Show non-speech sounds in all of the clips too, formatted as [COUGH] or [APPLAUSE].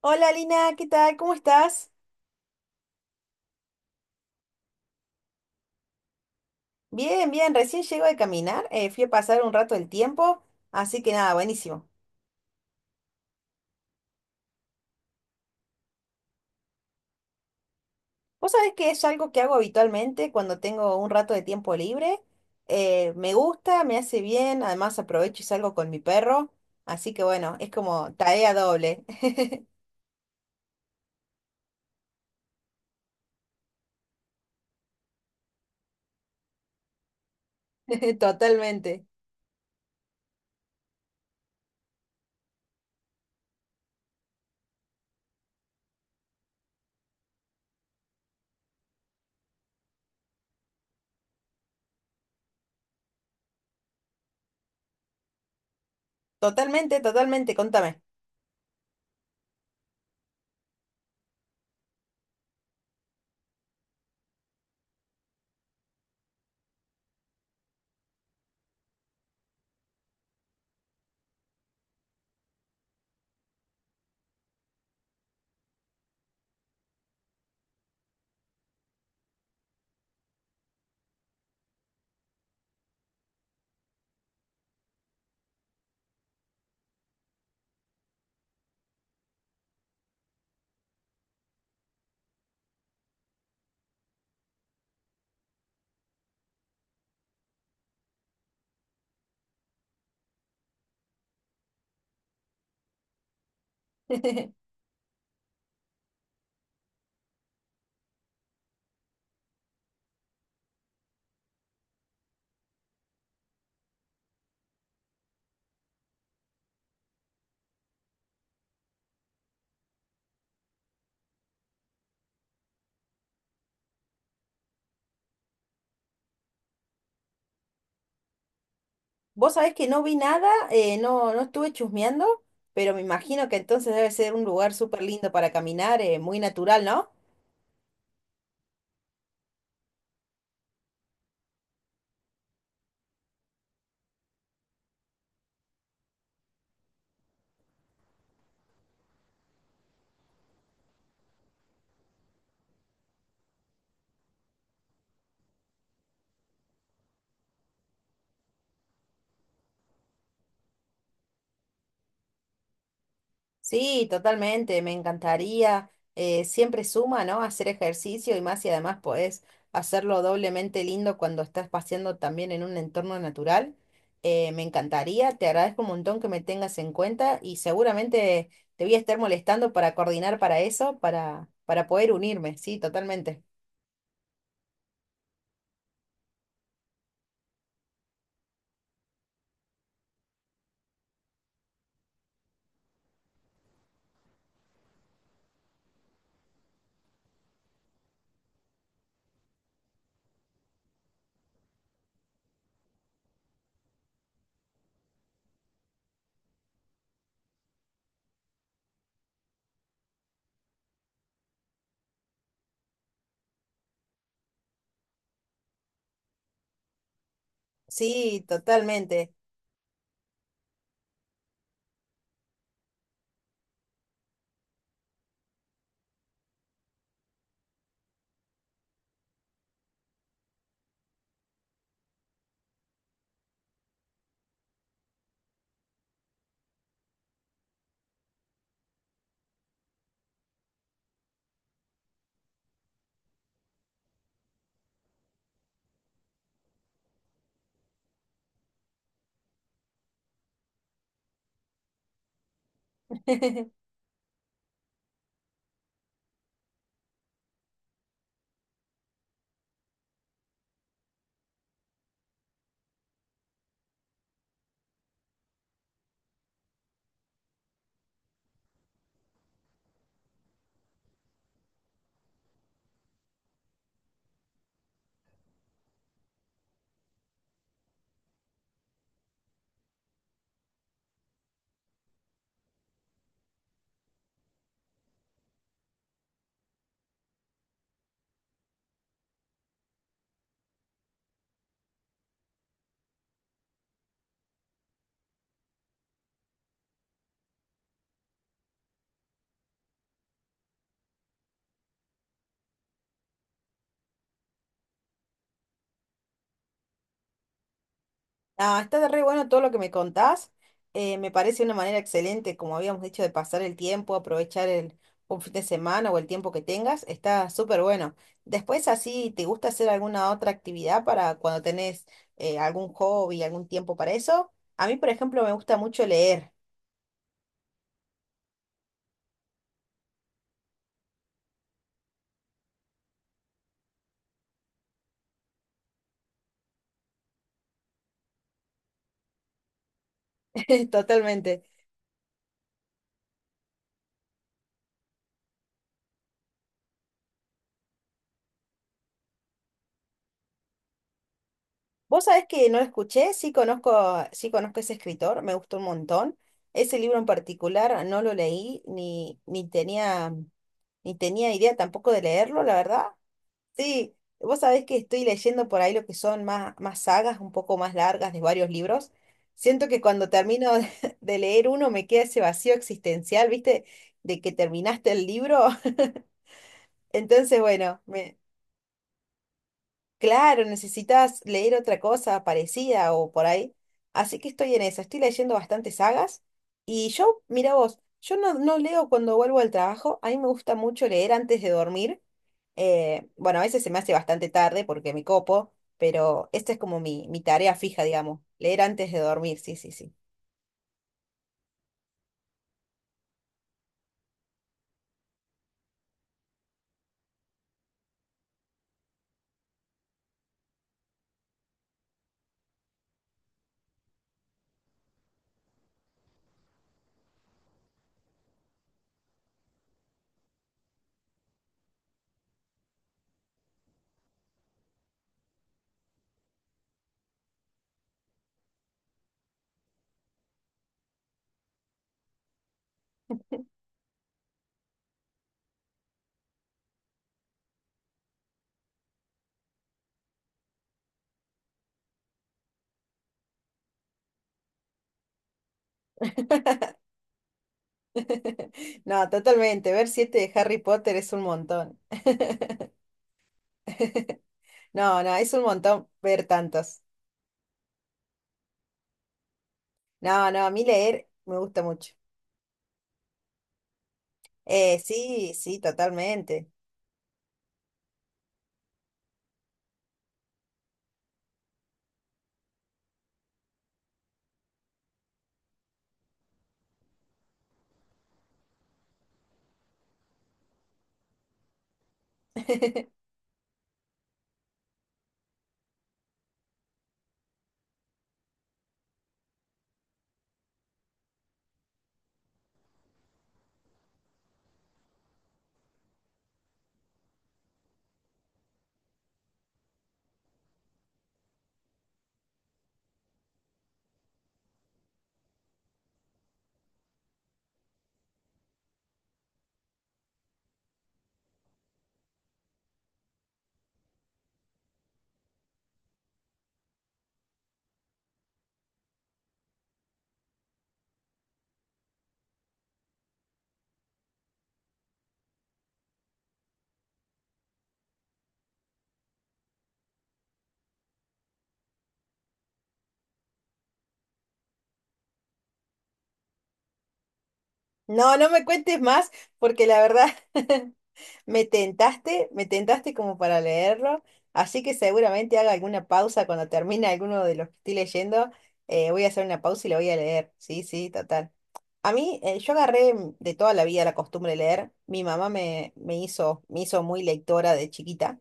Hola Lina, ¿qué tal? ¿Cómo estás? Bien, bien, recién llego de caminar, fui a pasar un rato el tiempo, así que nada, buenísimo. Vos sabés que es algo que hago habitualmente cuando tengo un rato de tiempo libre, me gusta, me hace bien, además aprovecho y salgo con mi perro, así que bueno, es como tarea doble. [LAUGHS] Totalmente, totalmente, totalmente, contame. [LAUGHS] Vos sabés que no vi nada, no, no estuve chusmeando, pero me imagino que entonces debe ser un lugar súper lindo para caminar, muy natural, ¿no? Sí, totalmente, me encantaría. Siempre suma, ¿no? Hacer ejercicio y más y además podés hacerlo doblemente lindo cuando estás paseando también en un entorno natural. Me encantaría, te agradezco un montón que me tengas en cuenta y seguramente te voy a estar molestando para coordinar para eso, para poder unirme, sí, totalmente. Sí, totalmente. [LAUGHS] Ah, está re bueno todo lo que me contás. Me parece una manera excelente, como habíamos dicho, de pasar el tiempo, aprovechar un fin de semana o el tiempo que tengas. Está súper bueno. Después, así, ¿te gusta hacer alguna otra actividad para cuando tenés algún hobby, algún tiempo para eso? A mí, por ejemplo, me gusta mucho leer. [LAUGHS] Totalmente. Vos sabés que no lo escuché, sí conozco ese escritor, me gustó un montón. Ese libro en particular no lo leí ni tenía. Ni tenía idea tampoco de leerlo, la verdad. Sí, vos sabés que estoy leyendo por ahí lo que son más sagas, un poco más largas de varios libros. Siento que cuando termino de [LAUGHS] de leer uno me queda ese vacío existencial, ¿viste? De que terminaste el libro. [LAUGHS] Entonces, bueno, me... Claro, necesitas leer otra cosa parecida o por ahí. Así que estoy en eso, estoy leyendo bastantes sagas. Y yo, mira vos, yo no, no leo cuando vuelvo al trabajo, a mí me gusta mucho leer antes de dormir. Bueno, a veces se me hace bastante tarde porque me copo, pero esta es como mi tarea fija, digamos, leer antes de dormir, sí, sí, sí. [LAUGHS] No, totalmente, ver siete de Harry Potter es un montón. No, no, es un montón ver tantos. No, no, a mí leer me gusta mucho. Sí, sí, totalmente. [LAUGHS] No, no me cuentes más, porque la verdad... [LAUGHS] me tentaste como para leerlo, así que seguramente haga alguna pausa cuando termine alguno de los que estoy leyendo. Voy a hacer una pausa y lo voy a leer. Sí, sí, total. A mí, yo agarré de toda la vida la costumbre de leer. Mi mamá me hizo muy lectora de chiquita,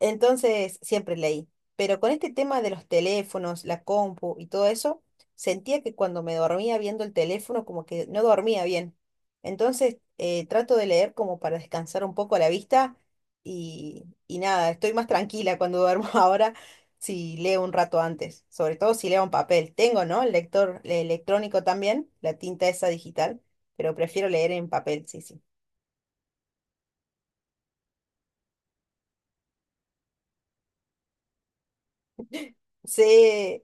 entonces siempre leí. Pero con este tema de los teléfonos, la compu y todo eso, sentía que cuando me dormía viendo el teléfono, como que no dormía bien. Entonces, trato de leer como para descansar un poco la vista y nada, estoy más tranquila cuando duermo [LAUGHS] ahora si leo un rato antes, sobre todo si leo en papel. Tengo, ¿no? El lector el electrónico también, la tinta esa digital, pero prefiero leer en papel, sí, sí. Sí,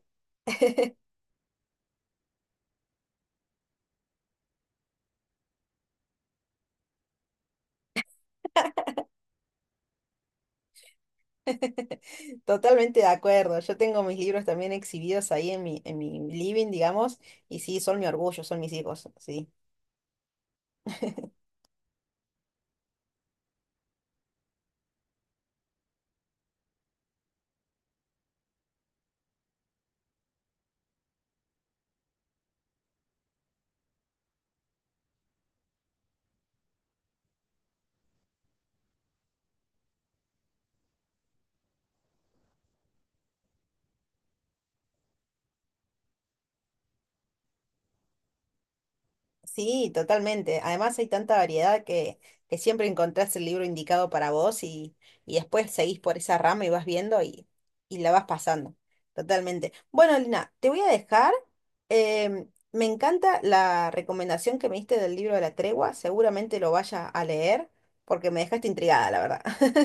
[LAUGHS] totalmente de acuerdo. Yo tengo mis libros también exhibidos ahí en mi living, digamos, y sí, son mi orgullo, son mis hijos, sí. Sí, totalmente. Además hay tanta variedad que siempre encontrás el libro indicado para vos y después seguís por esa rama y vas viendo y la vas pasando. Totalmente. Bueno, Lina, te voy a dejar. Me encanta la recomendación que me diste del libro de la tregua. Seguramente lo vaya a leer porque me dejaste intrigada, la verdad. [LAUGHS]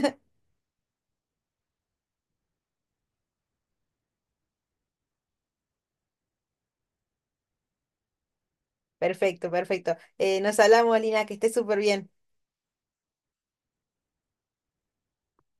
Perfecto, perfecto. Nos hablamos, Lina, que estés súper bien.